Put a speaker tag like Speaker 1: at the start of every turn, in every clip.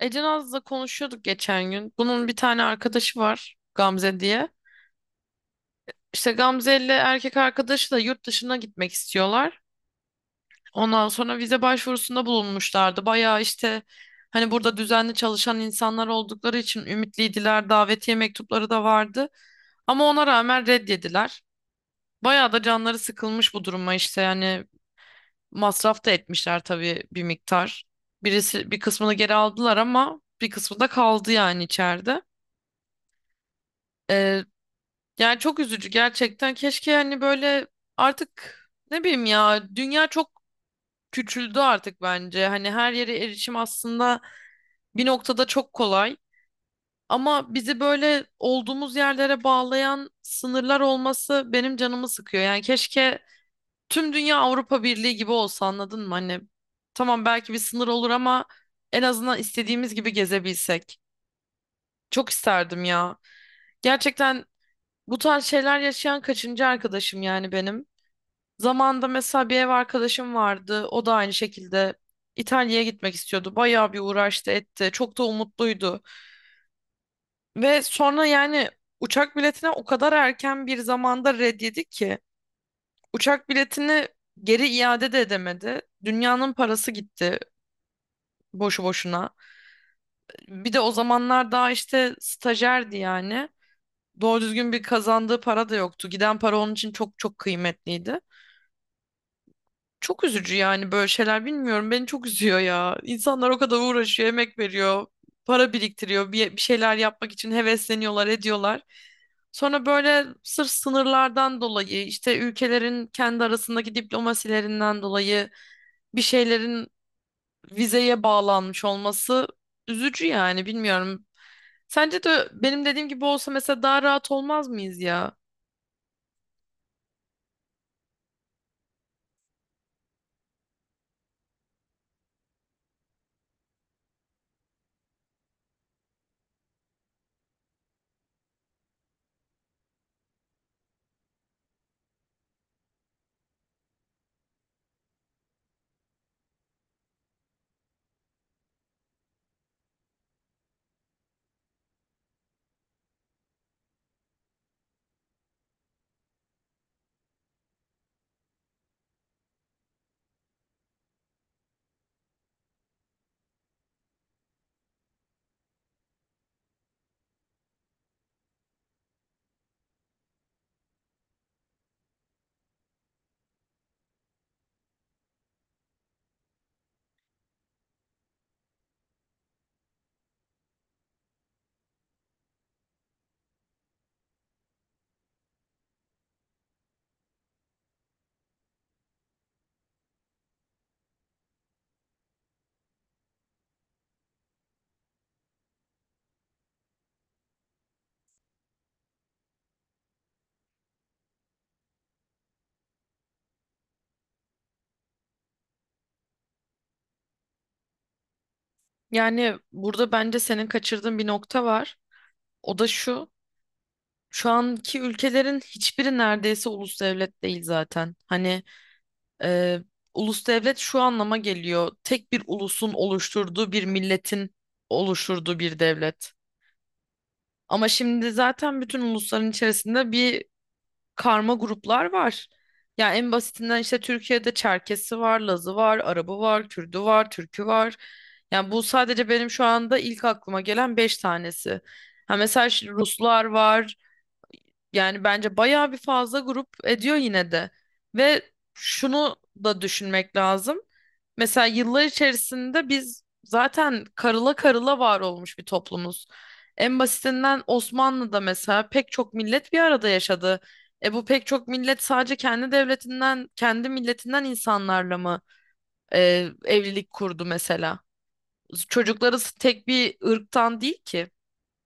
Speaker 1: Ece Naz'la konuşuyorduk geçen gün. Bunun bir tane arkadaşı var Gamze diye. İşte Gamze ile erkek arkadaşı da yurt dışına gitmek istiyorlar. Ondan sonra vize başvurusunda bulunmuşlardı. Bayağı işte hani burada düzenli çalışan insanlar oldukları için ümitliydiler. Davetiye mektupları da vardı. Ama ona rağmen reddediler. Bayağı da canları sıkılmış bu duruma işte yani masraf da etmişler tabii bir miktar. Birisi bir kısmını geri aldılar ama bir kısmı da kaldı yani içeride. Ee, Yani çok üzücü gerçekten. Keşke hani böyle artık ne bileyim ya dünya çok küçüldü artık bence. Hani her yere erişim aslında bir noktada çok kolay. Ama bizi böyle olduğumuz yerlere bağlayan sınırlar olması benim canımı sıkıyor. Yani keşke tüm dünya Avrupa Birliği gibi olsa anladın mı? Hani tamam belki bir sınır olur ama en azından istediğimiz gibi gezebilsek. Çok isterdim ya. Gerçekten bu tarz şeyler yaşayan kaçıncı arkadaşım yani benim. Zamanında mesela bir ev arkadaşım vardı. O da aynı şekilde İtalya'ya gitmek istiyordu. Bayağı bir uğraştı etti. Çok da umutluydu. Ve sonra yani uçak biletine o kadar erken bir zamanda red ki. Uçak biletini geri iade de edemedi. Dünyanın parası gitti boşu boşuna. Bir de o zamanlar daha işte stajyerdi yani. Doğru düzgün bir kazandığı para da yoktu. Giden para onun için çok çok kıymetliydi. Çok üzücü yani böyle şeyler bilmiyorum. Beni çok üzüyor ya. İnsanlar o kadar uğraşıyor, emek veriyor, para biriktiriyor, bir şeyler yapmak için hevesleniyorlar, ediyorlar. Sonra böyle sırf sınırlardan dolayı, işte ülkelerin kendi arasındaki diplomasilerinden dolayı bir şeylerin vizeye bağlanmış olması üzücü yani bilmiyorum. Sence de benim dediğim gibi olsa mesela daha rahat olmaz mıyız ya? Yani burada bence senin kaçırdığın bir nokta var. O da şu. Şu anki ülkelerin hiçbiri neredeyse ulus devlet değil zaten. Hani e, ulus devlet şu anlama geliyor. Tek bir ulusun oluşturduğu bir milletin oluşturduğu bir devlet. Ama şimdi zaten bütün ulusların içerisinde bir karma gruplar var. Yani en basitinden işte Türkiye'de Çerkesi var, Lazı var, Arabı var, Kürdü var, Türkü var. Yani bu sadece benim şu anda ilk aklıma gelen beş tanesi. Ha mesela şimdi Ruslar var. Yani bence bayağı bir fazla grup ediyor yine de. Ve şunu da düşünmek lazım. Mesela yıllar içerisinde biz zaten karıla karıla var olmuş bir toplumuz. En basitinden Osmanlı'da mesela pek çok millet bir arada yaşadı. E bu pek çok millet sadece kendi devletinden, kendi milletinden insanlarla mı evlilik kurdu mesela? Çocukları tek bir ırktan değil ki.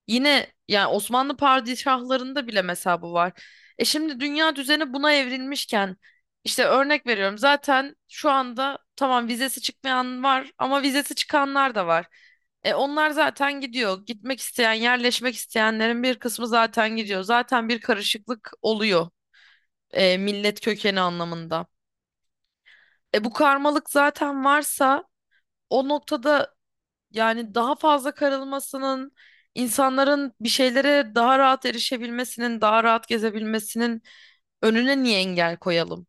Speaker 1: Yine yani Osmanlı padişahlarında bile mesela bu var. E şimdi dünya düzeni buna evrilmişken işte örnek veriyorum zaten şu anda tamam vizesi çıkmayan var ama vizesi çıkanlar da var. E onlar zaten gidiyor. Gitmek isteyen, yerleşmek isteyenlerin bir kısmı zaten gidiyor. Zaten bir karışıklık oluyor millet kökeni anlamında. E bu karmalık zaten varsa o noktada yani daha fazla karılmasının, insanların bir şeylere daha rahat erişebilmesinin, daha rahat gezebilmesinin önüne niye engel koyalım?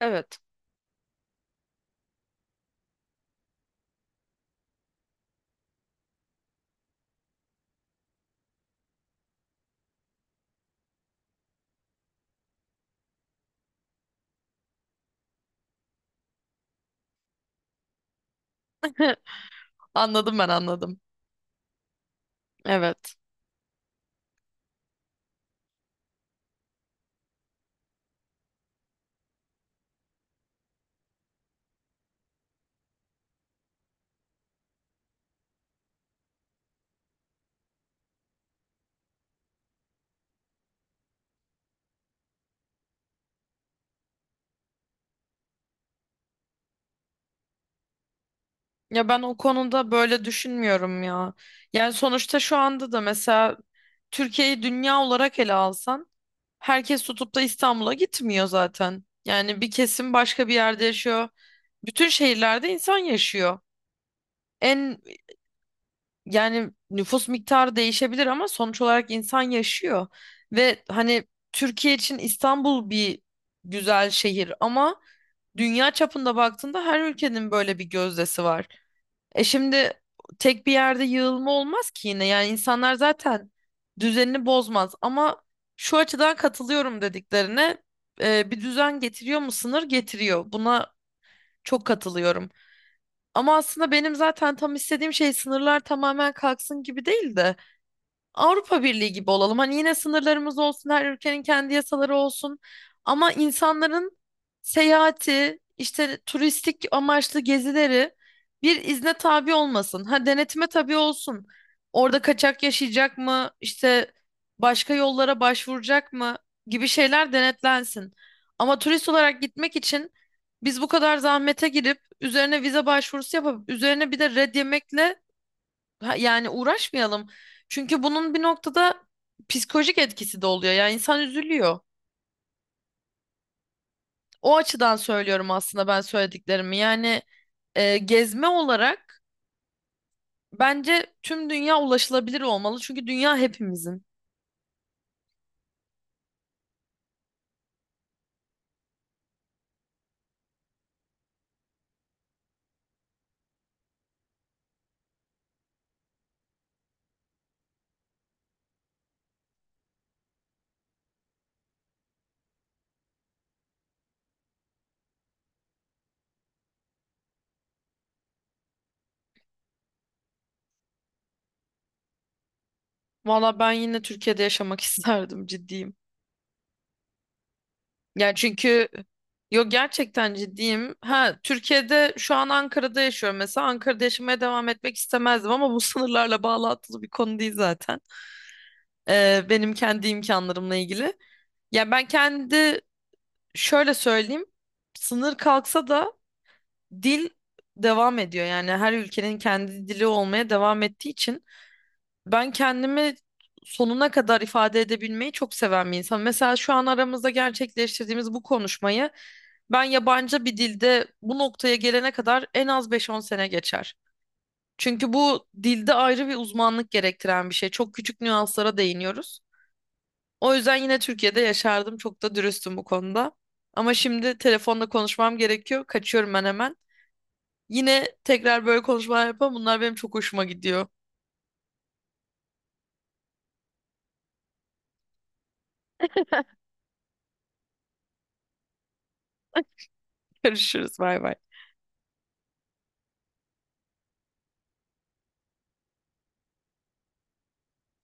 Speaker 1: Evet. Anladım ben anladım. Evet. Ya ben o konuda böyle düşünmüyorum ya. Yani sonuçta şu anda da mesela Türkiye'yi dünya olarak ele alsan herkes tutup da İstanbul'a gitmiyor zaten. Yani bir kesim başka bir yerde yaşıyor. Bütün şehirlerde insan yaşıyor. En Yani nüfus miktarı değişebilir ama sonuç olarak insan yaşıyor. Ve hani Türkiye için İstanbul bir güzel şehir ama dünya çapında baktığında her ülkenin böyle bir gözdesi var. E şimdi tek bir yerde yığılma olmaz ki yine. Yani insanlar zaten düzenini bozmaz ama şu açıdan katılıyorum dediklerine bir düzen getiriyor mu? Sınır getiriyor. Buna çok katılıyorum. Ama aslında benim zaten tam istediğim şey sınırlar tamamen kalksın gibi değil de Avrupa Birliği gibi olalım. Hani yine sınırlarımız olsun, her ülkenin kendi yasaları olsun. Ama insanların seyahati, işte turistik amaçlı gezileri bir izne tabi olmasın. Ha denetime tabi olsun. Orada kaçak yaşayacak mı, işte başka yollara başvuracak mı gibi şeyler denetlensin. Ama turist olarak gitmek için biz bu kadar zahmete girip üzerine vize başvurusu yapıp üzerine bir de red yemekle ha, yani uğraşmayalım. Çünkü bunun bir noktada psikolojik etkisi de oluyor. Yani insan üzülüyor. O açıdan söylüyorum aslında ben söylediklerimi. Yani gezme olarak bence tüm dünya ulaşılabilir olmalı. Çünkü dünya hepimizin. Valla ben yine Türkiye'de yaşamak isterdim, ciddiyim. Yani çünkü yok, gerçekten ciddiyim. Ha, Türkiye'de şu an Ankara'da yaşıyorum mesela. Ankara'da yaşamaya devam etmek istemezdim ama bu sınırlarla bağlantılı bir konu değil zaten. E, benim kendi imkanlarımla ilgili. Ya ben kendi şöyle söyleyeyim. Sınır kalksa da dil devam ediyor. Yani her ülkenin kendi dili olmaya devam ettiği için ben kendimi sonuna kadar ifade edebilmeyi çok seven bir insan. Mesela şu an aramızda gerçekleştirdiğimiz bu konuşmayı ben yabancı bir dilde bu noktaya gelene kadar en az beş on sene geçer. Çünkü bu dilde ayrı bir uzmanlık gerektiren bir şey. Çok küçük nüanslara değiniyoruz. O yüzden yine Türkiye'de yaşardım. Çok da dürüstüm bu konuda. Ama şimdi telefonla konuşmam gerekiyor. Kaçıyorum ben hemen. Yine tekrar böyle konuşmalar yapalım. Bunlar benim çok hoşuma gidiyor. Görüşürüz. Bay bay.